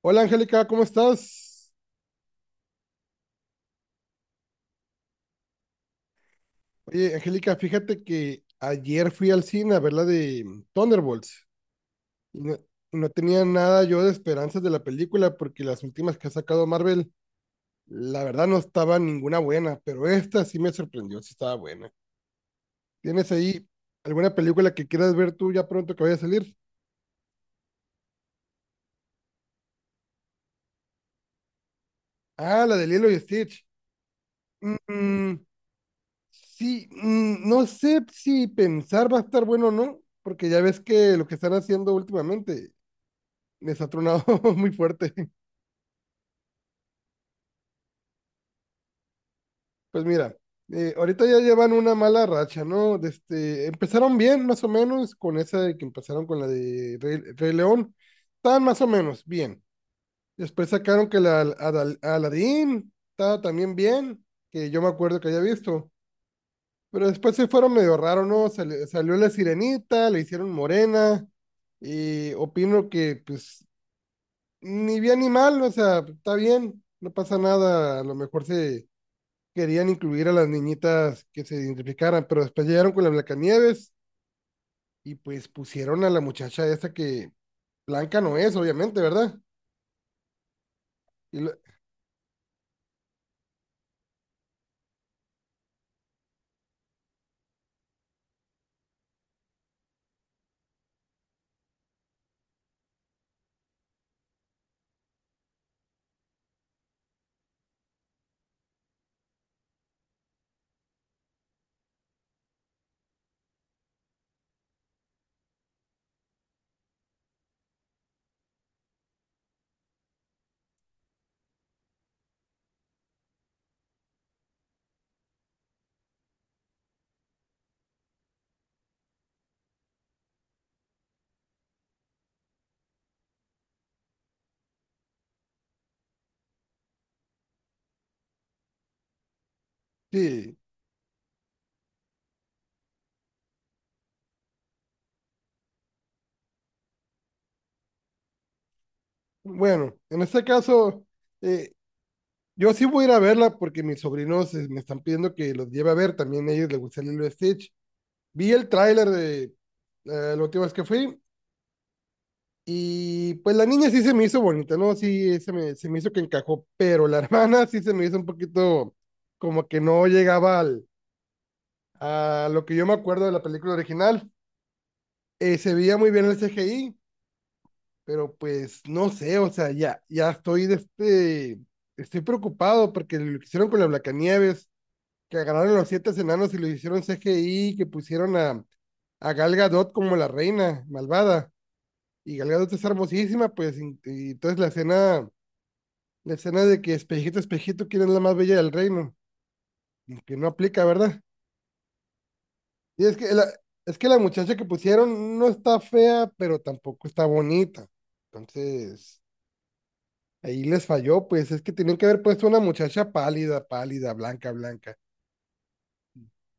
Hola Angélica, ¿cómo estás? Oye, Angélica, fíjate que ayer fui al cine a ver la de Thunderbolts y no, y no tenía nada yo de esperanzas de la película porque las últimas que ha sacado Marvel, la verdad no estaba ninguna buena, pero esta sí me sorprendió, sí estaba buena. ¿Tienes ahí alguna película que quieras ver tú ya pronto que vaya a salir? Ah, la de Lilo y Stitch. Mm, sí, no sé si pensar va a estar bueno o no, porque ya ves que lo que están haciendo últimamente les ha tronado muy fuerte. Pues mira, ahorita ya llevan una mala racha, ¿no? De este, empezaron bien, más o menos, con esa de que empezaron con la de Rey León. Estaban más o menos bien. Después sacaron que la Aladdin estaba también bien, que yo me acuerdo que había visto. Pero después se fueron medio raro, ¿no? Salió la sirenita, le hicieron morena. Y opino que, pues, ni bien ni mal, o sea, está bien, no pasa nada. A lo mejor se querían incluir a las niñitas que se identificaran, pero después llegaron con la Blancanieves y pues pusieron a la muchacha esta que blanca no es, obviamente, ¿verdad? Y lo- sí, bueno, en este caso, eh, yo sí voy a ir a verla porque mis sobrinos me están pidiendo que los lleve a ver, también a ellos les gusta Lilo y Stitch. Vi el tráiler de la última vez que fui y pues la niña sí se me hizo bonita, ¿no? Sí, se me hizo que encajó, pero la hermana sí se me hizo un poquito como que no llegaba al a lo que yo me acuerdo de la película original. Se veía muy bien el CGI, pero pues no sé, o sea, ya estoy de este, estoy preocupado porque lo que hicieron con la Blancanieves, que agarraron los siete enanos y lo hicieron CGI, que pusieron a Gal Gadot como la reina malvada, y Gal Gadot es hermosísima, pues, y entonces la escena de que espejito, espejito, ¿quién es la más bella del reino? Que no aplica, ¿verdad? Y es que la, es que la muchacha que pusieron no está fea, pero tampoco está bonita. Entonces, ahí les falló, pues es que tenían que haber puesto una muchacha pálida, pálida, blanca, blanca.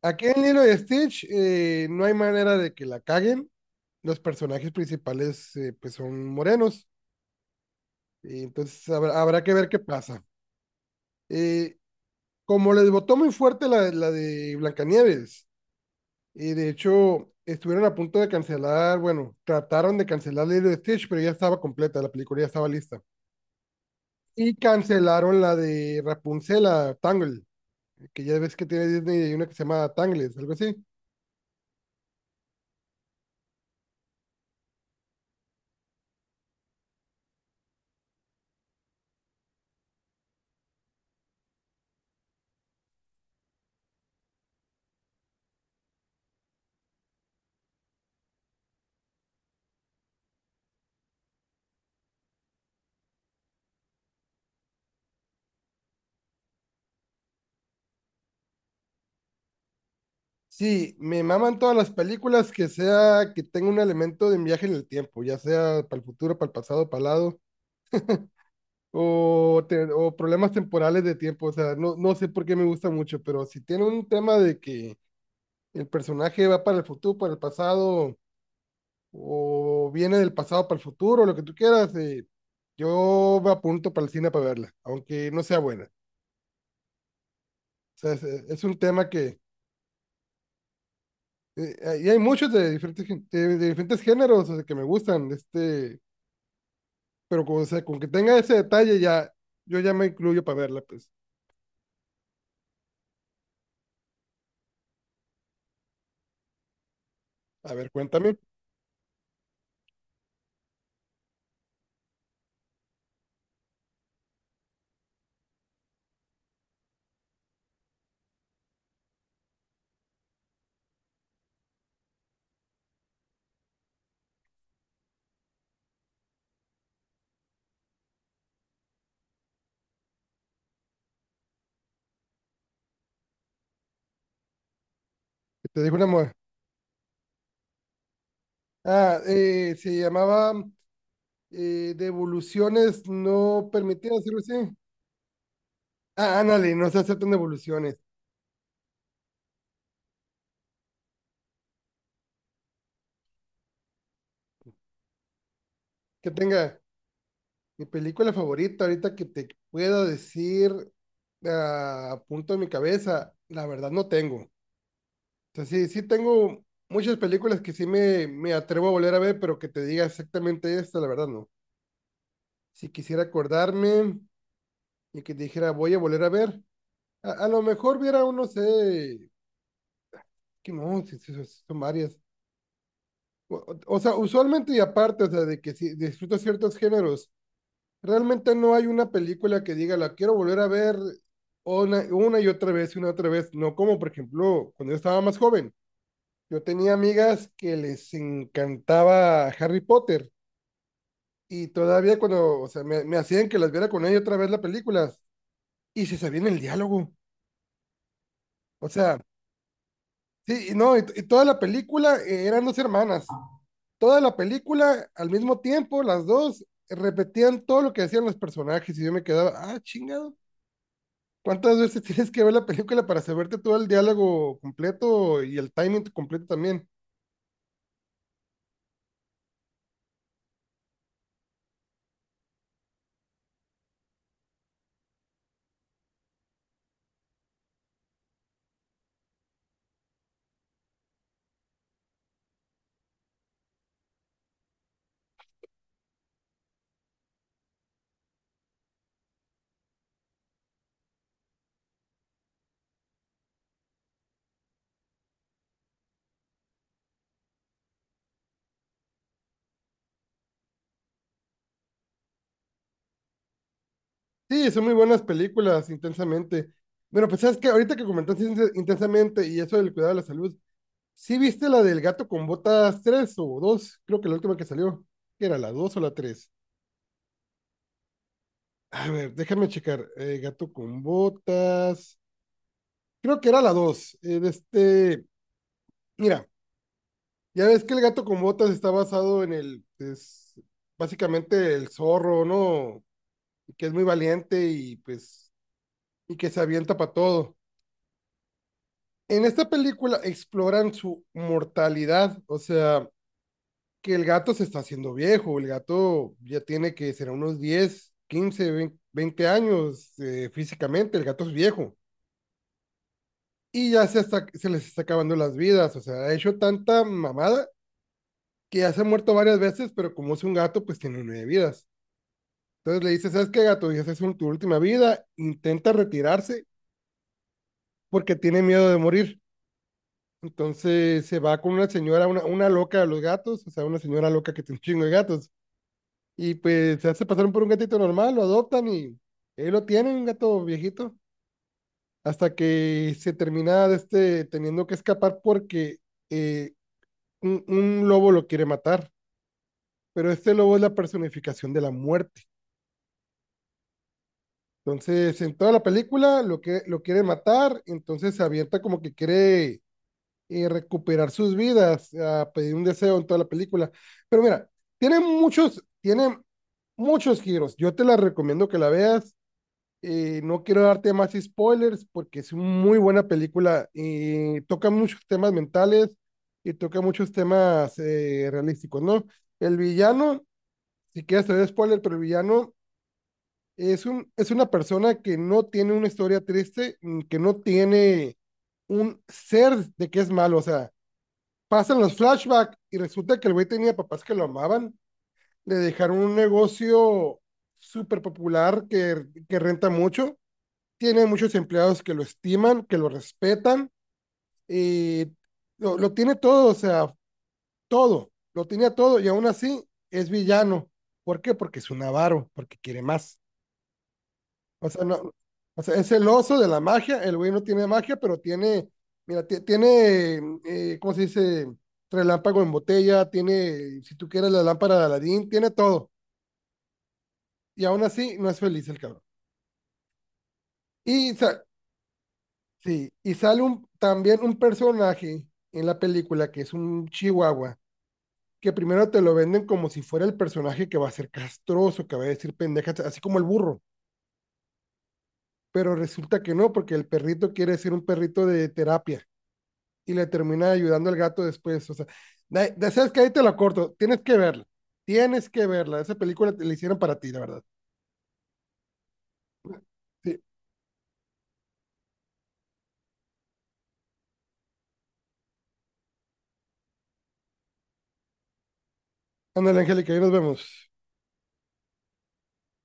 Aquí en Lilo y Stitch no hay manera de que la caguen. Los personajes principales pues son morenos. Y entonces habrá que ver qué pasa. Eh, Como les votó muy fuerte la de Blancanieves, y de hecho, estuvieron a punto de cancelar, bueno, trataron de cancelar Lilo y Stitch, pero ya estaba completa, la película ya estaba lista. Y cancelaron la de Rapunzel, la Tangle, que ya ves que tiene Disney y una que se llama Tangles, algo así. Sí, me maman todas las películas que sea que tenga un elemento de viaje en el tiempo, ya sea para el futuro, para el pasado, para el lado, o problemas temporales de tiempo. O sea, no, no sé por qué me gusta mucho, pero si tiene un tema de que el personaje va para el futuro, para el pasado, o viene del pasado para el futuro, lo que tú quieras, yo me apunto para el cine para verla, aunque no sea buena. O sea, es un tema que, y hay muchos de de diferentes géneros, o sea, que me gustan, pero con, o sea, con que tenga ese detalle ya, yo ya me incluyo para verla, pues. A ver, cuéntame, ¿qué te dijo una mujer? Ah, se llamaba devoluciones no permitidas, algo así. Ah, ándale, no se aceptan devoluciones. Que tenga, mi película favorita, ahorita que te pueda decir ah, a punto de mi cabeza, la verdad no tengo. O sea, sí, sí tengo muchas películas que sí me atrevo a volver a ver, pero que te diga exactamente esta, la verdad no. Si quisiera acordarme y que dijera voy a volver a ver, a lo mejor viera uno, sé, que no, sí, sí, sí, son varias. O sea, usualmente y aparte, o sea, de que si disfruto ciertos géneros, realmente no hay una película que diga, la quiero volver a ver una y otra vez y una otra vez. No como, por ejemplo, cuando yo estaba más joven, yo tenía amigas que les encantaba Harry Potter y todavía cuando, o sea, me hacían que las viera con ella otra vez las películas y se sabían el diálogo. O sea, sí, y no, y toda la película eran dos hermanas. Toda la película al mismo tiempo, las dos repetían todo lo que decían los personajes y yo me quedaba, ah, chingado. ¿Cuántas veces tienes que ver la película para saberte todo el diálogo completo y el timing completo también? Sí, son muy buenas películas, intensamente. Bueno, pues sabes que ahorita que comentaste intensamente y eso del cuidado de la salud, ¿sí viste la del gato con botas 3 o 2? Creo que la última que salió. ¿Qué era, la 2 o la tres? A ver, déjame checar. Gato con botas. Creo que era la 2. Mira, ya ves que el gato con botas está basado en el, es básicamente el zorro, ¿no? Que es muy valiente y pues y que se avienta para todo. En esta película exploran su mortalidad, o sea, que el gato se está haciendo viejo, el gato ya tiene que ser unos 10, 15, 20 años físicamente, el gato es viejo y se les está acabando las vidas, o sea, ha hecho tanta mamada que ya se ha muerto varias veces, pero como es un gato, pues tiene nueve vidas. Entonces le dice, ¿sabes qué, gato? Ya es tu última vida, intenta retirarse porque tiene miedo de morir. Entonces se va con una señora, una loca de los gatos, o sea, una señora loca que tiene un chingo de gatos. Y pues se hace pasar por un gatito normal, lo adoptan y ahí lo tienen, un gato viejito, hasta que se termina de este, teniendo que escapar porque eh, un lobo lo quiere matar. Pero este lobo es la personificación de la muerte. Entonces, en toda la película lo que lo quiere matar, entonces se avienta como que quiere y recuperar sus vidas, a pedir un deseo en toda la película. Pero mira, tiene muchos giros. Yo te la recomiendo que la veas. No quiero darte más spoilers porque es muy buena película y toca muchos temas mentales y toca muchos temas realísticos, ¿no? El villano, si quieres te doy spoiler, pero el villano es una persona que no tiene una historia triste, que no tiene un ser de que es malo, o sea, pasan los flashbacks y resulta que el güey tenía papás que lo amaban. Le dejaron un negocio súper popular que renta mucho. Tiene muchos empleados que lo estiman, que lo respetan. Y lo tiene todo, o sea, todo. Lo tenía todo y aún así es villano. ¿Por qué? Porque es un avaro, porque quiere más. O sea, no, o sea, es el oso de la magia. El güey no tiene magia, pero tiene, mira, tiene, ¿cómo se dice? Relámpago en botella, tiene, si tú quieres, la lámpara de Aladín, tiene todo. Y aún así, no es feliz el cabrón. Y, sa- sí, y sale un, también un personaje en la película que es un chihuahua, que primero te lo venden como si fuera el personaje que va a ser castroso, que va a decir pendejas, así como el burro. Pero resulta que no, porque el perrito quiere ser un perrito de terapia, y le termina ayudando al gato después. O sea, sabes que ahí te la corto, tienes que verla, tienes que verla. Esa película te la hicieron para ti, la verdad. Sí, ándale, Angélica, ahí nos vemos.